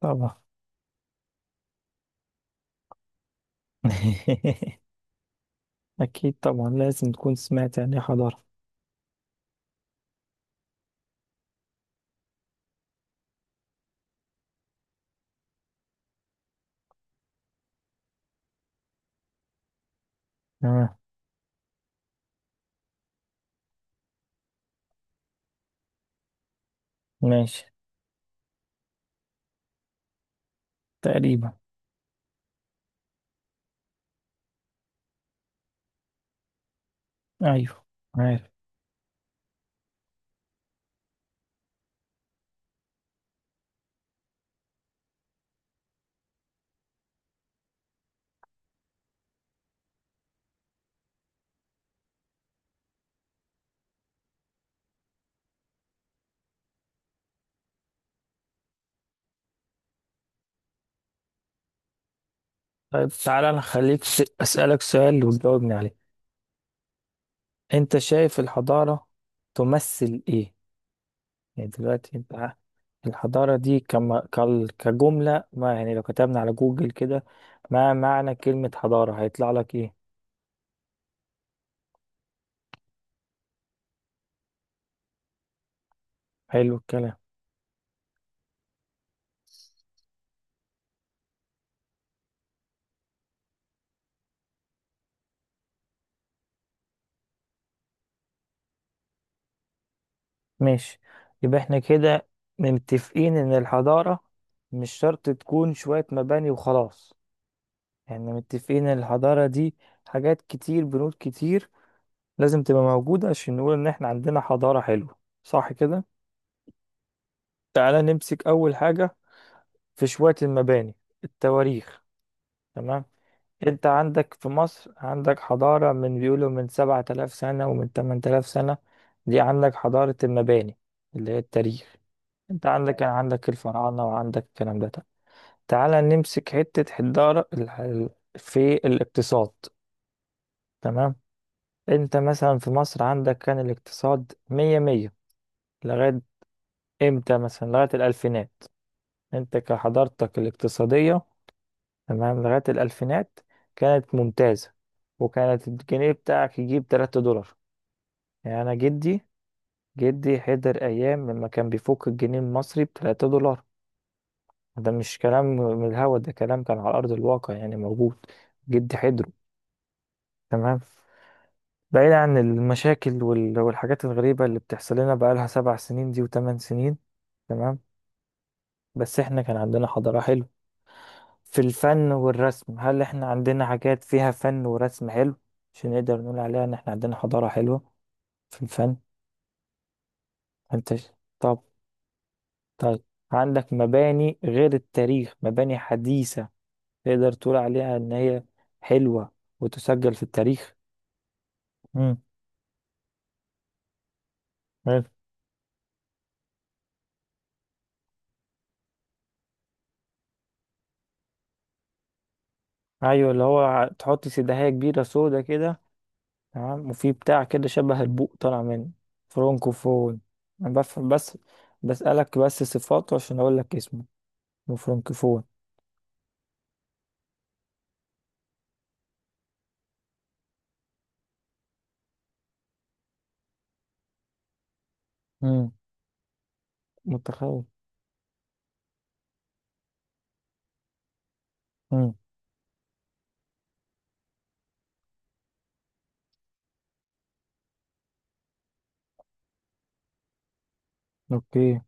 طبعا. أكيد طبعا، لازم تكون سمعت يعني إيه حضارة. تمام. ماشي. تقريبا. أيوه، عارف. طيب، تعالى أنا خليك أسألك سؤال وتجاوبني عليه. أنت شايف الحضارة تمثل إيه؟ يعني دلوقتي، الحضارة دي كما كجملة ما، يعني لو كتبنا على جوجل كده ما معنى كلمة حضارة هيطلع لك إيه؟ حلو الكلام. ماشي. يبقى احنا كده متفقين ان الحضارة مش شرط تكون شوية مباني وخلاص. يعني متفقين ان الحضارة دي حاجات كتير، بنود كتير، لازم تبقى موجودة عشان نقول ان احنا عندنا حضارة حلوة، صح كده؟ تعالى نمسك اول حاجة، في شوية المباني، التواريخ. تمام. انت عندك في مصر عندك حضارة من بيقولوا من 7,000 سنة ومن 8,000 سنة. دي عندك حضارة المباني اللي هي التاريخ. انت عندك كان عندك الفراعنة وعندك الكلام ده. طب، تعالى نمسك حتة حدارة في الاقتصاد. تمام. انت مثلا في مصر عندك كان الاقتصاد مية مية لغاية امتى؟ مثلا لغاية الألفينات. انت كحضارتك الاقتصادية، تمام، لغاية الألفينات كانت ممتازة، وكانت الجنيه بتاعك يجيب 3 دولار. يعني أنا، جدي حضر أيام لما كان بيفك الجنيه المصري بـ3 دولار. ده مش كلام من الهوا، ده كلام كان على أرض الواقع يعني موجود. جدي حضره. تمام. بعيد عن المشاكل والحاجات الغريبة اللي بتحصل لنا بقالها 7 سنين دي وثمان سنين. تمام. بس احنا كان عندنا حضارة حلوة. في الفن والرسم، هل احنا عندنا حاجات فيها فن ورسم حلو عشان نقدر نقول عليها ان احنا عندنا حضارة حلوة في الفن؟ انت ش- طب طيب، عندك مباني غير التاريخ، مباني حديثة تقدر تقول عليها ان هي حلوة وتسجل في التاريخ؟ امم. حلو. ايوه، اللي هو تحط سداهية كبيرة سودا كده، تمام، وفي بتاع كده شبه البوق طالع منه. فرونكوفون. انا بفهم بس، بسألك بس صفاته عشان اقول لك اسمه فرونكوفون. امم. متخيل. امم. اوكي.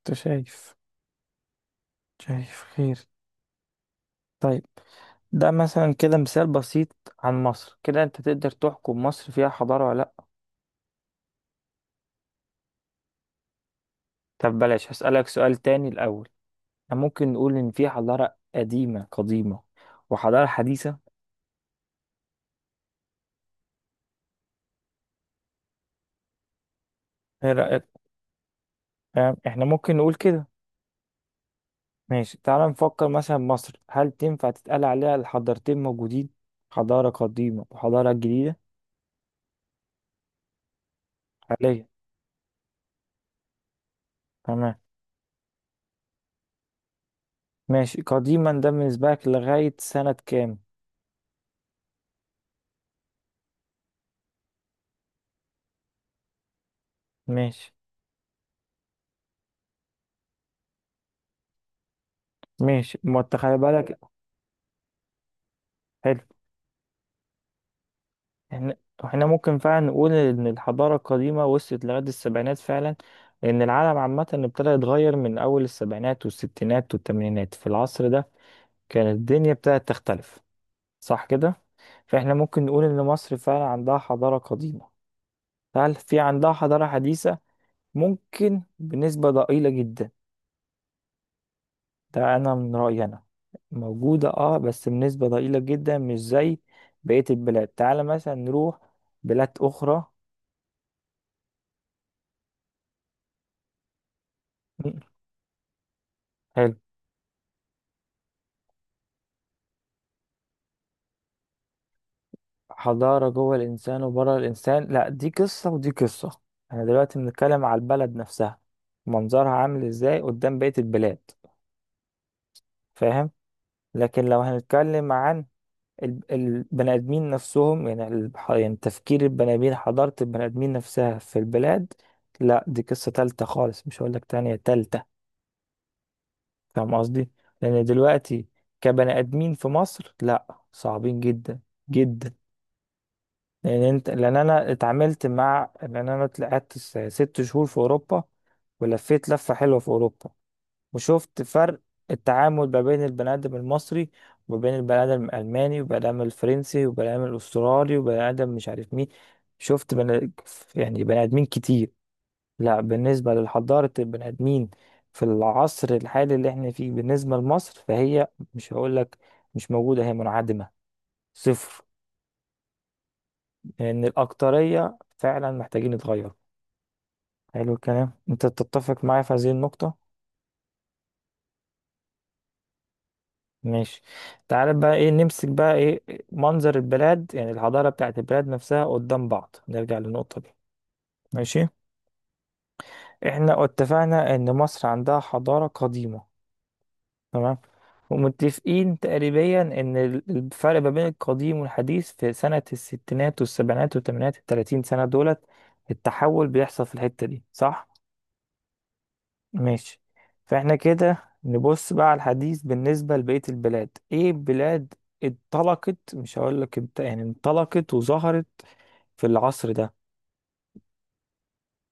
انت شايف خير. طيب، ده مثلا كده مثال بسيط عن مصر، كده انت تقدر تحكم مصر فيها حضارة ولا لا؟ طب بلاش، هسألك سؤال تاني الاول. ممكن نقول ان في حضارة قديمة قديمة وحضارة حديثة؟ ايه رأيك؟ فاهم، احنا ممكن نقول كده. ماشي، تعال نفكر مثلا مصر هل تنفع تتقال عليها الحضارتين موجودين، حضارة قديمة وحضارة جديدة؟ حاليا، تمام. ماشي قديما، ده بالنسبة لك لغاية سنة كام؟ ماشي. ماشي. ما تخلي بالك. حلو. احنا احنا ممكن فعلا نقول ان الحضارة القديمة وصلت لغاية السبعينات فعلا. لان العالم عامة ابتدى يتغير من اول السبعينات والستينات والثمانينات. في العصر ده كانت الدنيا ابتدت تختلف، صح كده؟ فاحنا ممكن نقول ان مصر فعلا عندها حضارة قديمة. هل في عندها حضارة حديثة؟ ممكن بنسبة ضئيلة جدا، ده انا من رأيي انا. موجودة، اه، بس بنسبة ضئيلة جدا، مش زي بقية البلاد. تعالى مثلا نروح بلاد اخرى. م- حلو. حضارة جوه الانسان وبره الانسان، لا، دي قصة ودي قصة. انا دلوقتي بنتكلم على البلد نفسها، منظرها عامل ازاي قدام بقية البلاد، فاهم؟ لكن لو هنتكلم عن البني آدمين نفسهم، يعني يعني تفكير البني آدمين، حضارة البني آدمين نفسها في البلاد، لا، دي قصة تالتة خالص، مش هقول لك تانية، تالتة. فاهم قصدي؟ لأن دلوقتي كبني آدمين في مصر لا، صعبين جدا، جدا. لأن أنا طلعت 6 شهور في أوروبا، ولفيت لفة حلوة في أوروبا، وشفت فرق التعامل ما بين البني آدم المصري وما بين البني آدم الألماني والبني آدم الفرنسي والبني آدم الأسترالي والبني آدم مش عارف مين. شفت بني يعني بني آدمين كتير. لا، بالنسبة لحضارة البني آدمين في العصر الحالي اللي احنا فيه بالنسبة لمصر، فهي، مش هقول لك مش موجودة، هي منعدمة، صفر. لأن الأكترية فعلا محتاجين يتغيروا. حلو الكلام. أنت تتفق معايا في هذه النقطة. ماشي، تعال بقى ايه نمسك بقى ايه. منظر البلاد، يعني الحضارة بتاعت البلاد نفسها قدام بعض، نرجع للنقطة دي. ماشي. احنا اتفقنا ان مصر عندها حضارة قديمة، تمام. ومتفقين تقريبا ان الفرق ما بين القديم والحديث في سنة الستينات والسبعينات والثمانينات، التلاتين سنة دولت التحول بيحصل في الحتة دي، صح؟ ماشي. فاحنا كده نبص بقى على الحديث بالنسبة لبقية البلاد، ايه بلاد انطلقت؟ مش هقول لك انت، يعني انطلقت وظهرت في العصر ده.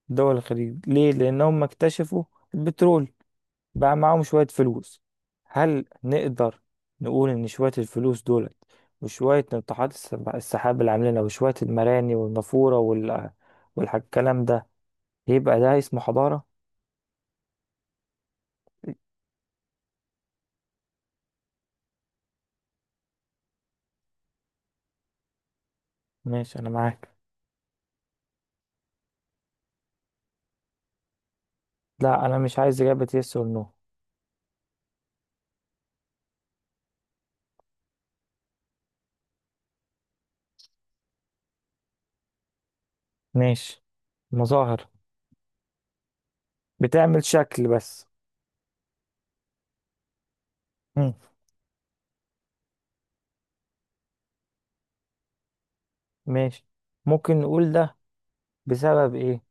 دول الخليج، ليه؟ لان هم اكتشفوا البترول، بقى معاهم شوية فلوس. هل نقدر نقول ان شوية الفلوس دولت، وشوية ناطحات السحاب اللي عاملينها، وشوية المراني والنافورة والكلام ده، يبقى ده اسمه حضارة؟ ماشي، انا معاك. لا، انا مش عايز اجابة يس ولا نو. ماشي. مظاهر، بتعمل شكل بس. مم. ماشي، ممكن نقول ده بسبب ايه؟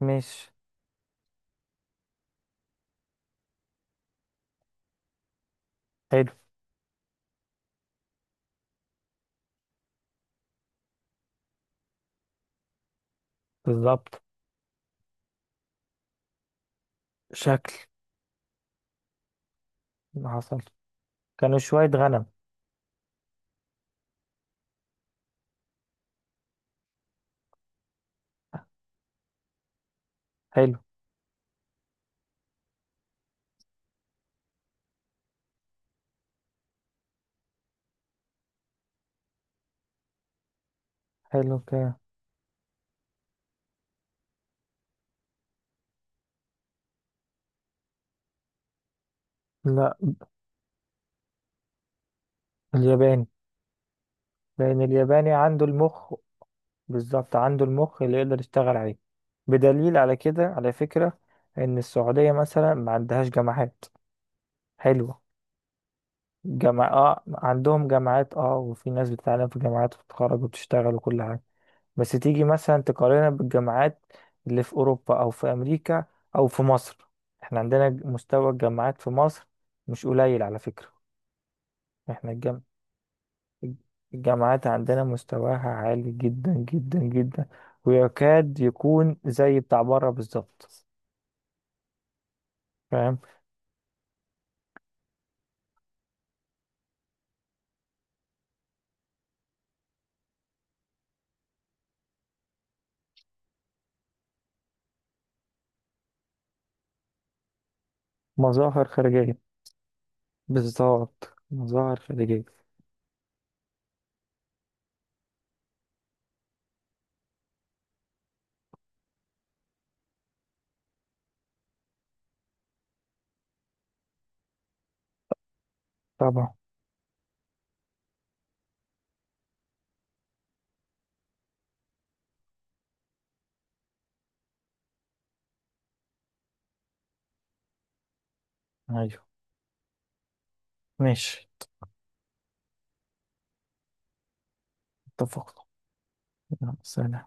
ماشي. حلو. بالظبط، شكل. اللي حصل، كانوا شوية غنم. حلو. حلو كده. لا، الياباني. لأن الياباني عنده المخ. بالظبط، عنده المخ اللي يقدر يشتغل عليه. بدليل على كده، على فكرة، إن السعودية مثلا ما عندهاش جامعات حلوة. جامعة آه عندهم جامعات، وفي ناس بتتعلم في جامعات وتتخرج وتشتغل وكل حاجة. بس تيجي مثلا تقارنها بالجامعات اللي في أوروبا أو في أمريكا أو في مصر، احنا عندنا، مستوى الجامعات في مصر مش قليل على فكرة. احنا الجامعات عندنا مستواها عالي جدا جدا جدا، ويكاد يكون زي بتاع بره بالظبط، فاهم؟ مظاهر خارجية. بالظبط، مظاهر خارجية. طبعا. أيوه. ماشي، اتفقنا. يلا، سلام.